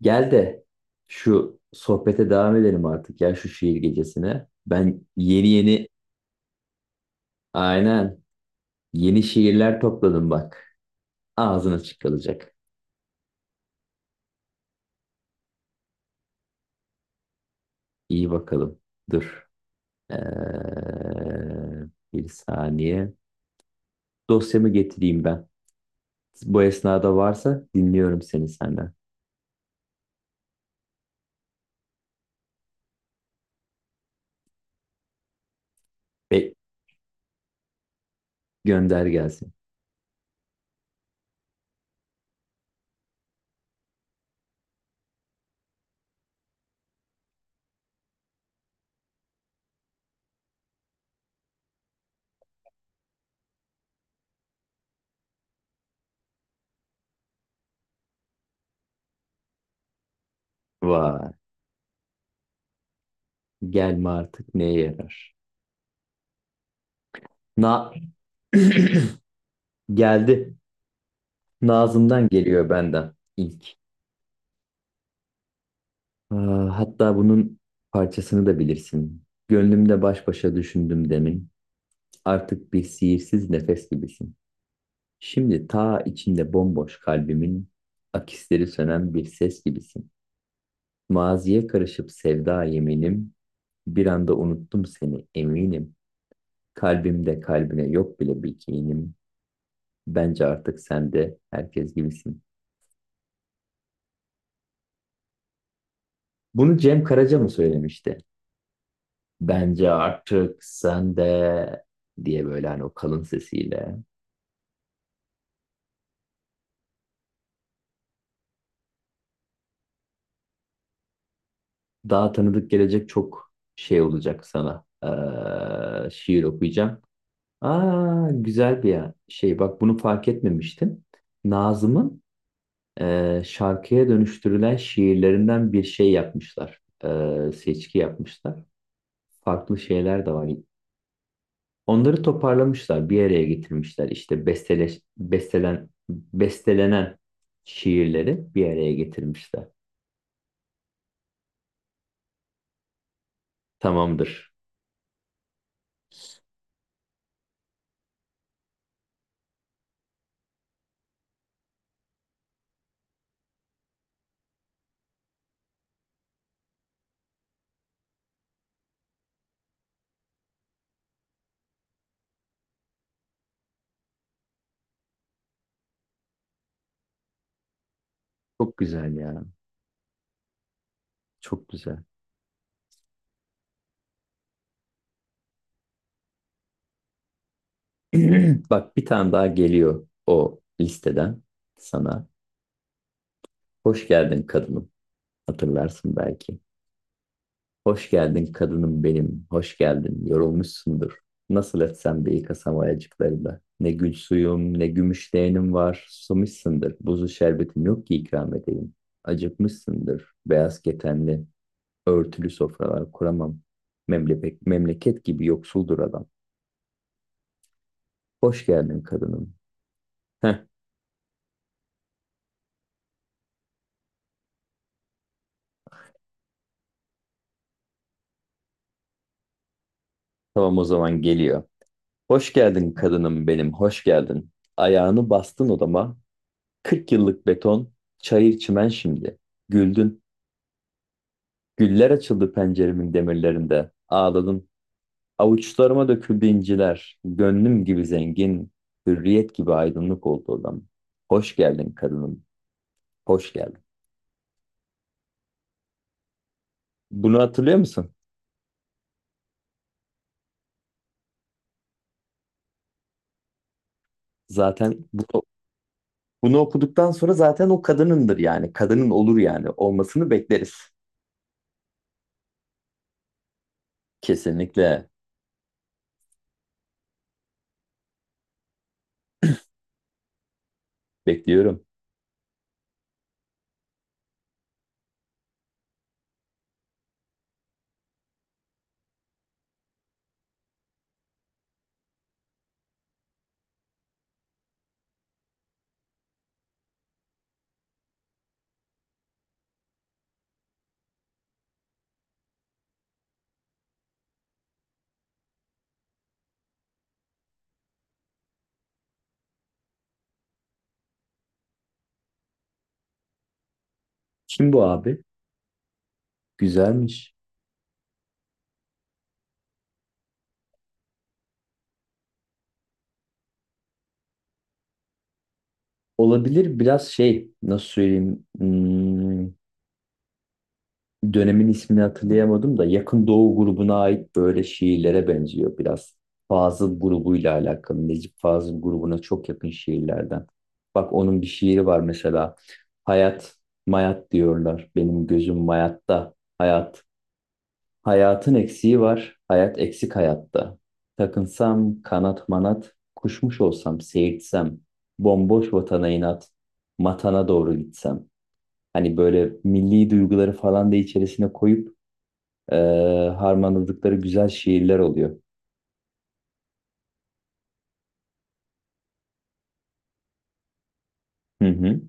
Gel de şu sohbete devam edelim artık ya, şu şiir gecesine. Ben yeni yeni, aynen, yeni şiirler topladım bak. Ağzın açık kalacak. İyi bakalım. Dur. Ee, bir saniye. Dosyamı getireyim ben. Bu esnada varsa dinliyorum seni senden. Ve gönder gelsin. Vay. Gelme artık neye yarar? Na Geldi. Nazım'dan geliyor benden ilk. Aa, hatta bunun parçasını da bilirsin. Gönlümde baş başa düşündüm demin. Artık bir sihirsiz nefes gibisin. Şimdi ta içinde bomboş kalbimin akisleri sönen bir ses gibisin. Maziye karışıp sevda yeminim. Bir anda unuttum seni eminim. Kalbimde kalbine yok bile bir kinim. Bence artık sen de herkes gibisin. Bunu Cem Karaca mı söylemişti? Bence artık sen de diye, böyle hani o kalın sesiyle. Daha tanıdık gelecek, çok şey olacak sana. Şiir okuyacağım. Aa, güzel bir şey. Bak bunu fark etmemiştim. Nazım'ın şarkıya dönüştürülen şiirlerinden bir şey yapmışlar. Seçki yapmışlar. Farklı şeyler de var. Onları toparlamışlar, bir araya getirmişler. İşte bestelenen şiirleri bir araya getirmişler. Tamamdır. Çok güzel ya. Çok güzel. Bak bir tane daha geliyor o listeden sana. Hoş geldin kadınım. Hatırlarsın belki. Hoş geldin kadınım benim. Hoş geldin. Yorulmuşsundur. Nasıl etsem de yıkasam ayacıklarında. Ne gül suyum ne gümüş leğenim var. Susamışsındır. Buzlu şerbetim yok ki ikram edeyim. Acıkmışsındır. Beyaz ketenli örtülü sofralar kuramam. Memleket, memleket gibi yoksuldur adam. Hoş geldin kadınım. Heh, tamam, o zaman geliyor. Hoş geldin kadınım benim, hoş geldin. Ayağını bastın odama, kırk yıllık beton, çayır çimen şimdi. Güldün, güller açıldı penceremin demirlerinde. Ağladın, avuçlarıma döküldü inciler. Gönlüm gibi zengin, hürriyet gibi aydınlık oldu odam. Hoş geldin kadınım, hoş geldin. Bunu hatırlıyor musun? Zaten bunu okuduktan sonra zaten o kadınındır yani. Kadının olur yani. Olmasını bekleriz. Kesinlikle bekliyorum. Kim bu abi? Güzelmiş. Olabilir, biraz şey, nasıl söyleyeyim, dönemin ismini hatırlayamadım da Yakın Doğu grubuna ait böyle şiirlere benziyor biraz. Fazıl grubuyla alakalı, Necip Fazıl grubuna çok yakın şiirlerden. Bak onun bir şiiri var mesela. Hayat mayat diyorlar, benim gözüm mayatta hayat. Hayatın eksiği var, hayat eksik hayatta. Takınsam kanat manat, kuşmuş olsam seyirtsem bomboş vatana inat matana doğru gitsem. Hani böyle milli duyguları falan da içerisine koyup e, harmanladıkları güzel şiirler oluyor. Hı hı.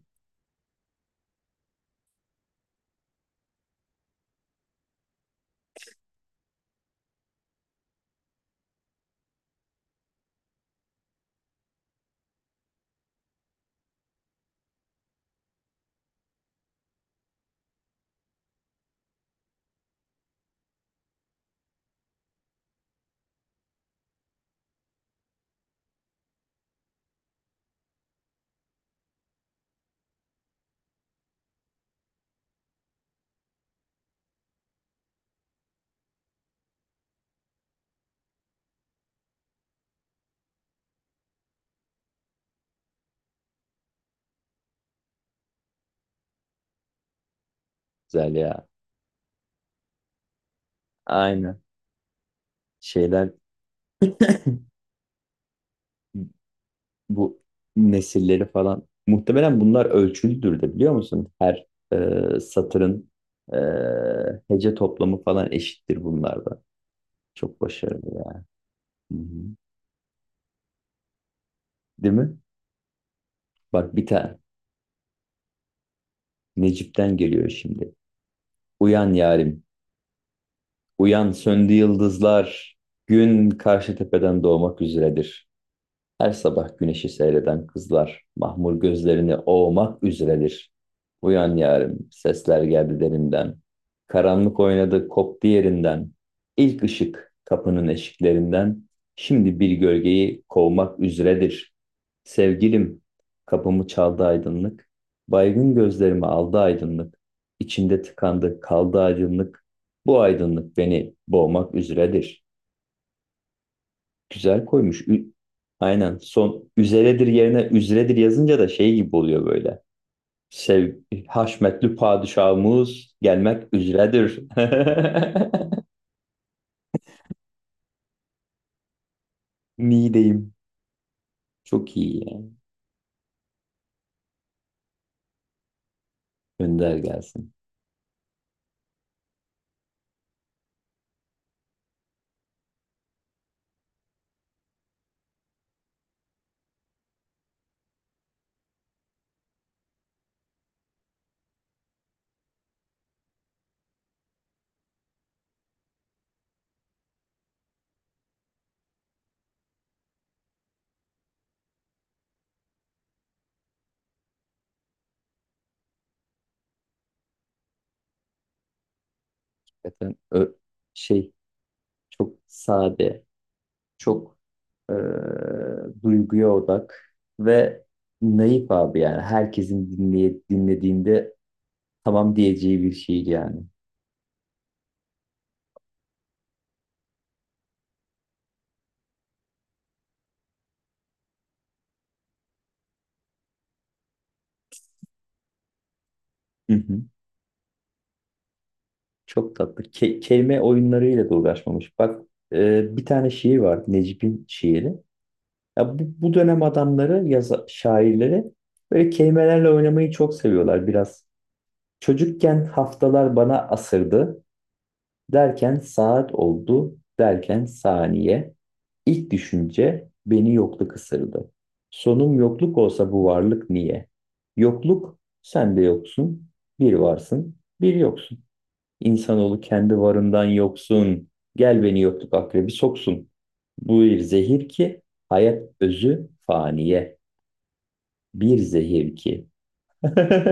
Güzel ya. Aynen. Şeyler, bu nesilleri falan. Muhtemelen bunlar ölçülüdür de, biliyor musun? Her satırın e, hece toplamı falan eşittir bunlarda. Çok başarılı ya. Hı hı. Değil mi? Bak bir tane Necip'ten geliyor şimdi. Uyan yarim. Uyan, söndü yıldızlar, gün karşı tepeden doğmak üzeredir. Her sabah güneşi seyreden kızlar mahmur gözlerini ovmak üzeredir. Uyan yarim, sesler geldi derinden. Karanlık oynadı, koptu yerinden. İlk ışık kapının eşiklerinden. Şimdi bir gölgeyi kovmak üzeredir. Sevgilim, kapımı çaldı aydınlık. Baygın gözlerimi aldı aydınlık. İçimde tıkandı, kaldı aydınlık. Bu aydınlık beni boğmak üzeredir. Güzel koymuş. Aynen. Son üzeredir yerine üzredir yazınca da şey gibi oluyor böyle. Sev Haşmetli padişahımız gelmek üzeredir. Niğdeyim. Çok iyi yani. Önder gelsin. Zaten şey, çok sade, çok eee, duyguya odak ve naif abi yani. Herkesin dinlediğinde tamam diyeceği bir şey yani. Çok tatlı. Kelime oyunlarıyla da uğraşmamış. Bak bir tane şiir var. Necip'in şiiri. Ya bu dönem adamları, şairleri böyle kelimelerle oynamayı çok seviyorlar biraz. Çocukken haftalar bana asırdı. Derken saat oldu. Derken saniye. İlk düşünce beni yokluk ısırdı. Sonum yokluk olsa bu varlık niye? Yokluk sen de yoksun. Bir varsın, bir yoksun. İnsanoğlu kendi varından yoksun. Gel beni yokluk akrebi soksun. Bu bir zehir ki hayat özü faniye. Bir zehir ki.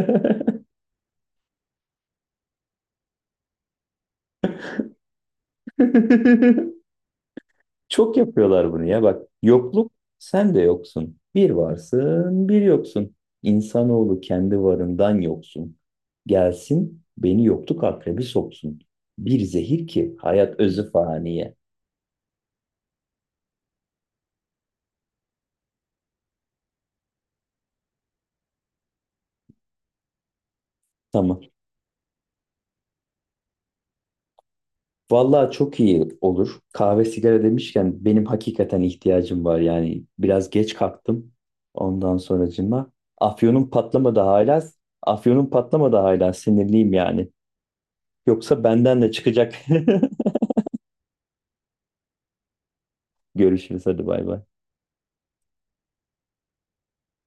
Çok yapıyorlar bunu ya, bak. Yokluk sen de yoksun. Bir varsın, bir yoksun. İnsanoğlu kendi varından yoksun. Gelsin beni yokluk akrebi soksun. Bir zehir ki hayat özü faniye. Tamam. Vallahi çok iyi olur. Kahve sigara demişken benim hakikaten ihtiyacım var. Yani biraz geç kalktım. Ondan sonracıma. Afyonum patlamadı hala. Afyonum patlamadı hala. Sinirliyim yani. Yoksa benden de çıkacak. Görüşürüz, hadi bay bay.